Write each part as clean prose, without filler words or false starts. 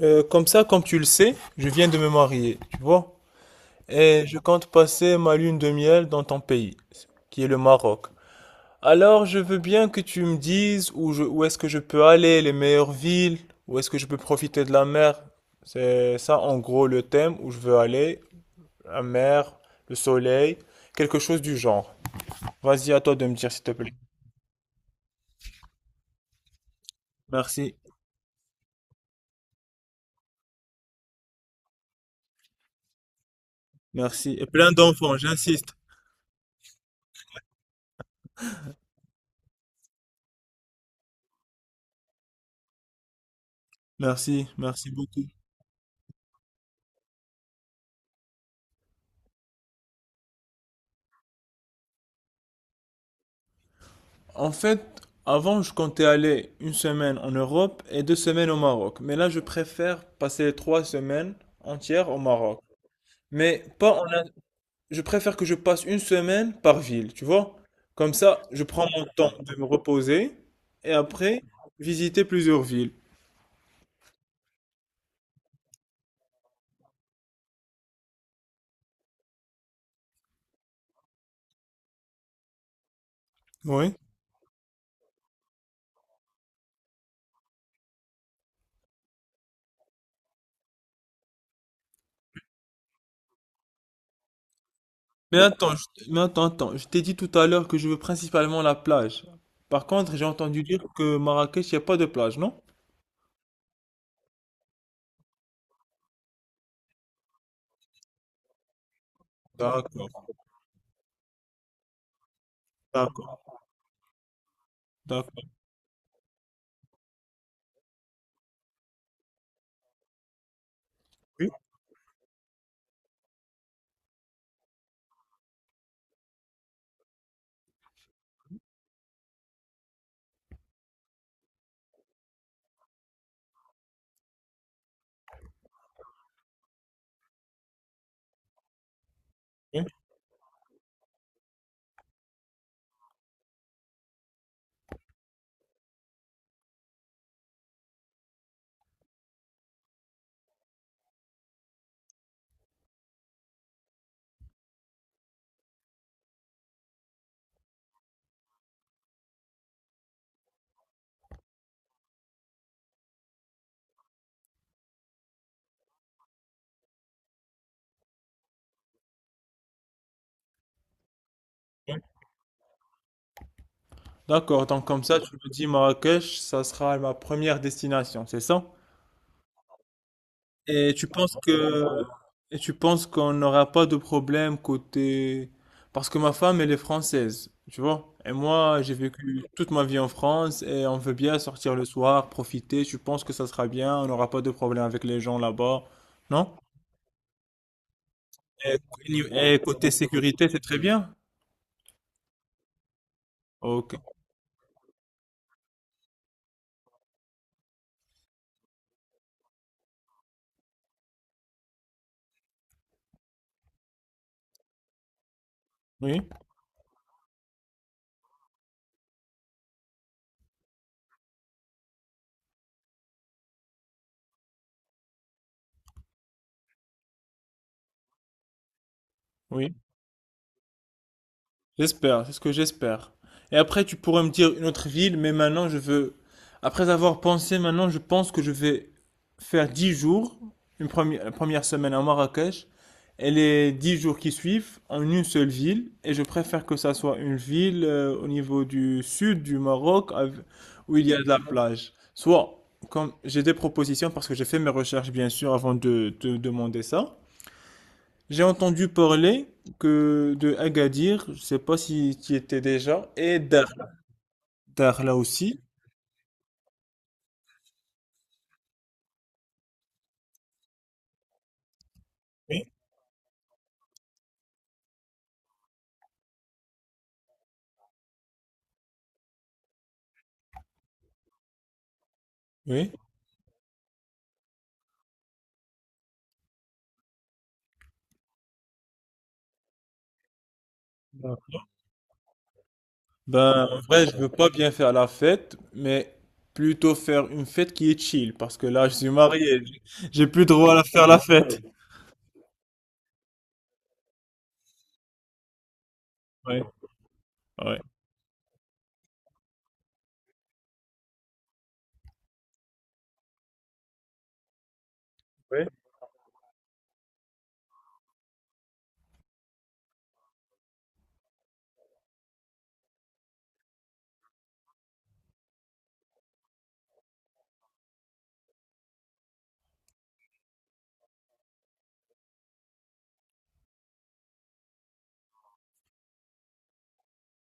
Comme ça, comme tu le sais, je viens de me marier, tu vois, et je compte passer ma lune de miel dans ton pays, qui est le Maroc. Alors, je veux bien que tu me dises où est-ce que je peux aller, les meilleures villes, où est-ce que je peux profiter de la mer. C'est ça, en gros, le thème où je veux aller, la mer, le soleil, quelque chose du genre. Vas-y, à toi de me dire, s'il te plaît. Merci, merci. Et plein d'enfants, j'insiste. Merci, merci beaucoup. En fait, avant, je comptais aller une semaine en Europe et 2 semaines au Maroc. Mais là, je préfère passer 3 semaines entières au Maroc. Mais pas en un- Je préfère que je passe une semaine par ville, tu vois? Comme ça, je prends mon temps de me reposer et après, visiter plusieurs villes. Oui. Mais attends, mais attends, attends. Je t'ai dit tout à l'heure que je veux principalement la plage. Par contre, j'ai entendu dire que Marrakech, il n'y a pas de plage, non? D'accord, d'accord, d'accord. Oui. D'accord, donc comme ça, tu me dis Marrakech, ça sera ma première destination, c'est ça? Et tu penses que et tu penses qu'on n'aura pas de problème côté parce que ma femme elle est française, tu vois? Et moi, j'ai vécu toute ma vie en France et on veut bien sortir le soir, profiter. Tu penses que ça sera bien, on n'aura pas de problème avec les gens là-bas, non? Et, et côté sécurité, c'est très bien. Ok. Oui, oui. J'espère, c'est ce que j'espère. Et après, tu pourrais me dire une autre ville, mais maintenant, je veux… Après avoir pensé, maintenant, je pense que je vais faire 10 jours, la première semaine à Marrakech, et les 10 jours qui suivent en une seule ville. Et je préfère que ça soit une ville au niveau du sud du Maroc, où il y a de la plage. Soit, comme j'ai des propositions, parce que j'ai fait mes recherches, bien sûr, avant de te demander ça. J'ai entendu parler que de Agadir, je sais pas si tu y étais déjà, et Dar, Dar là aussi. Oui, oui. Dar. Ben, en vrai, je veux pas bien faire la fête, mais plutôt faire une fête qui est chill, parce que là, je suis marié, j'ai plus droit à faire la fête. Oui. Oui. Oui,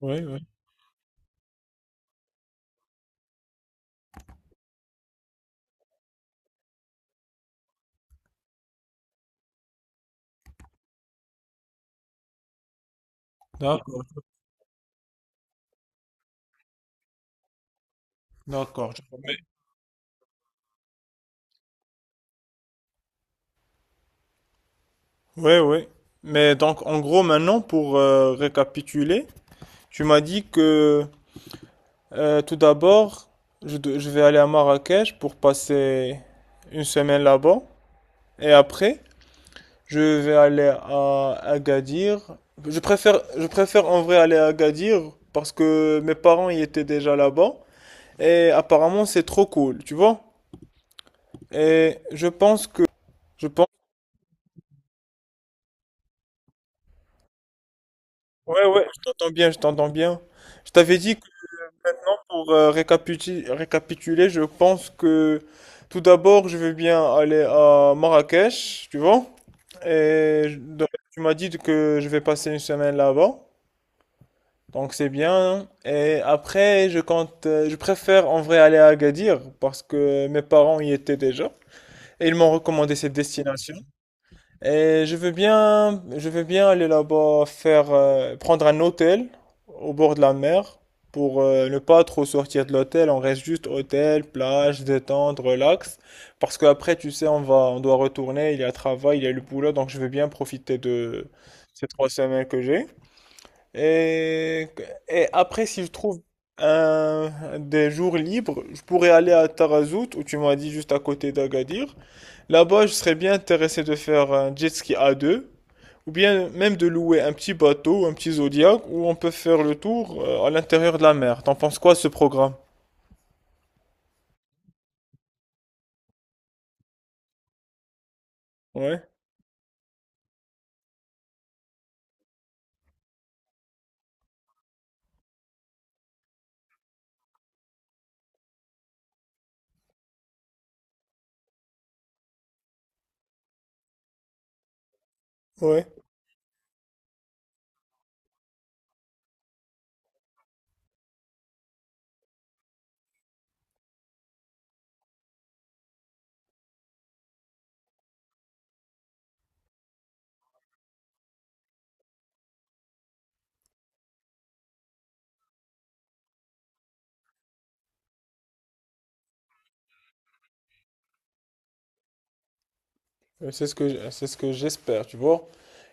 oui, oui. D'accord, d'accord. Je Oui, oui. Mais donc, en gros, maintenant, pour récapituler, tu m'as dit que tout d'abord, je vais aller à Marrakech pour passer une semaine là-bas. Et après, je vais aller à Agadir. Je préfère en vrai aller à Agadir parce que mes parents y étaient déjà là-bas. Et apparemment, c'est trop cool, tu vois? Et je pense que… Je pense… Ouais, ouais, je t'entends bien, je t'entends bien. Je t'avais dit. Maintenant, pour récapituler, je pense que tout d'abord, je vais bien aller à Marrakech, tu vois. Donc, tu m'as dit que je vais passer une semaine là-bas, donc c'est bien. Et après, je préfère en vrai aller à Agadir parce que mes parents y étaient déjà et ils m'ont recommandé cette destination. Et je veux bien aller là-bas, prendre un hôtel au bord de la mer pour ne pas trop sortir de l'hôtel. On reste juste hôtel, plage, détente, relax. Parce qu'après, tu sais, on doit retourner. Il y a travail, il y a le boulot, donc je veux bien profiter de ces 3 semaines que j'ai. Et, et après, si je trouve un, des jours libres, je pourrais aller à Tarazout, où tu m'as dit juste à côté d'Agadir. Là-bas, je serais bien intéressé de faire un jet ski à deux, ou bien même de louer un petit bateau, un petit Zodiac, où on peut faire le tour à l'intérieur de la mer. T'en penses quoi de ce programme? Ouais, ouais. C'est ce que j'espère, tu vois.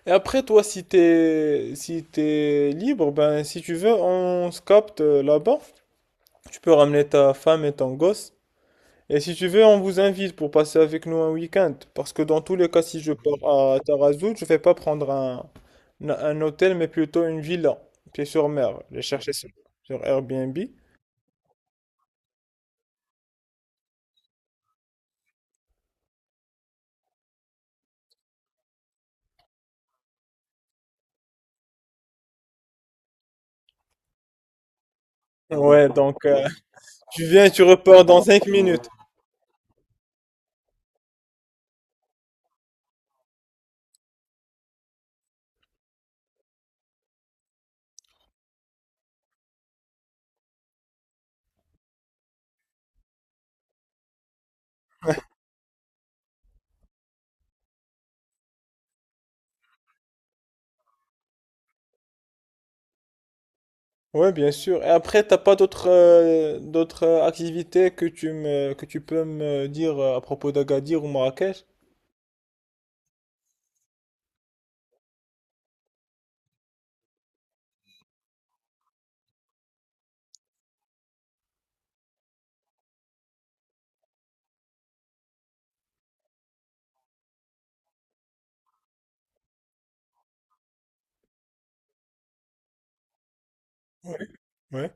Et après, toi, si t'es libre, ben si tu veux, on se capte là-bas. Tu peux ramener ta femme et ton gosse. Et si tu veux, on vous invite pour passer avec nous un week-end. Parce que dans tous les cas, si je pars à Tarazout, je vais pas prendre un hôtel, mais plutôt une villa, pied sur mer. J'ai chercher sur Airbnb. Ouais, donc tu viens et tu repars dans 5 minutes. Ouais, bien sûr. Et après, t'as pas d'autres activités que tu peux me dire à propos d'Agadir ou Marrakech? Ouais, ouais,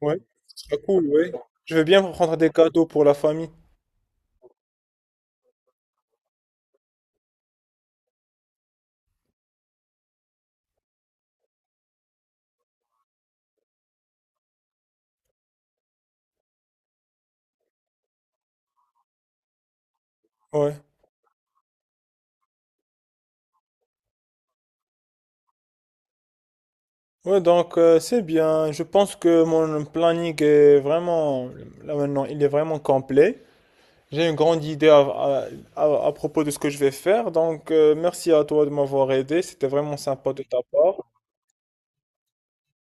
ouais. Ce sera cool, ouais. Je veux bien prendre des cadeaux pour la famille. Ouais. Ouais, donc c'est bien. Je pense que mon planning est vraiment, là maintenant, il est vraiment complet. J'ai une grande idée à propos de ce que je vais faire. Donc, merci à toi de m'avoir aidé. C'était vraiment sympa de ta part.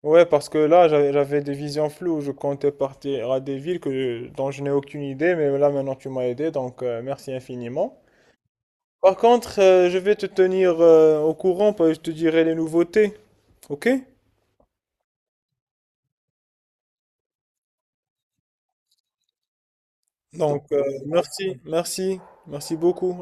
Ouais, parce que là, j'avais des visions floues. Je comptais partir à des villes dont je n'ai aucune idée, mais là, maintenant, tu m'as aidé. Donc, merci infiniment. Par contre, je vais te tenir au courant, parce que je te dirai les nouveautés. OK? Donc, merci, merci, merci beaucoup.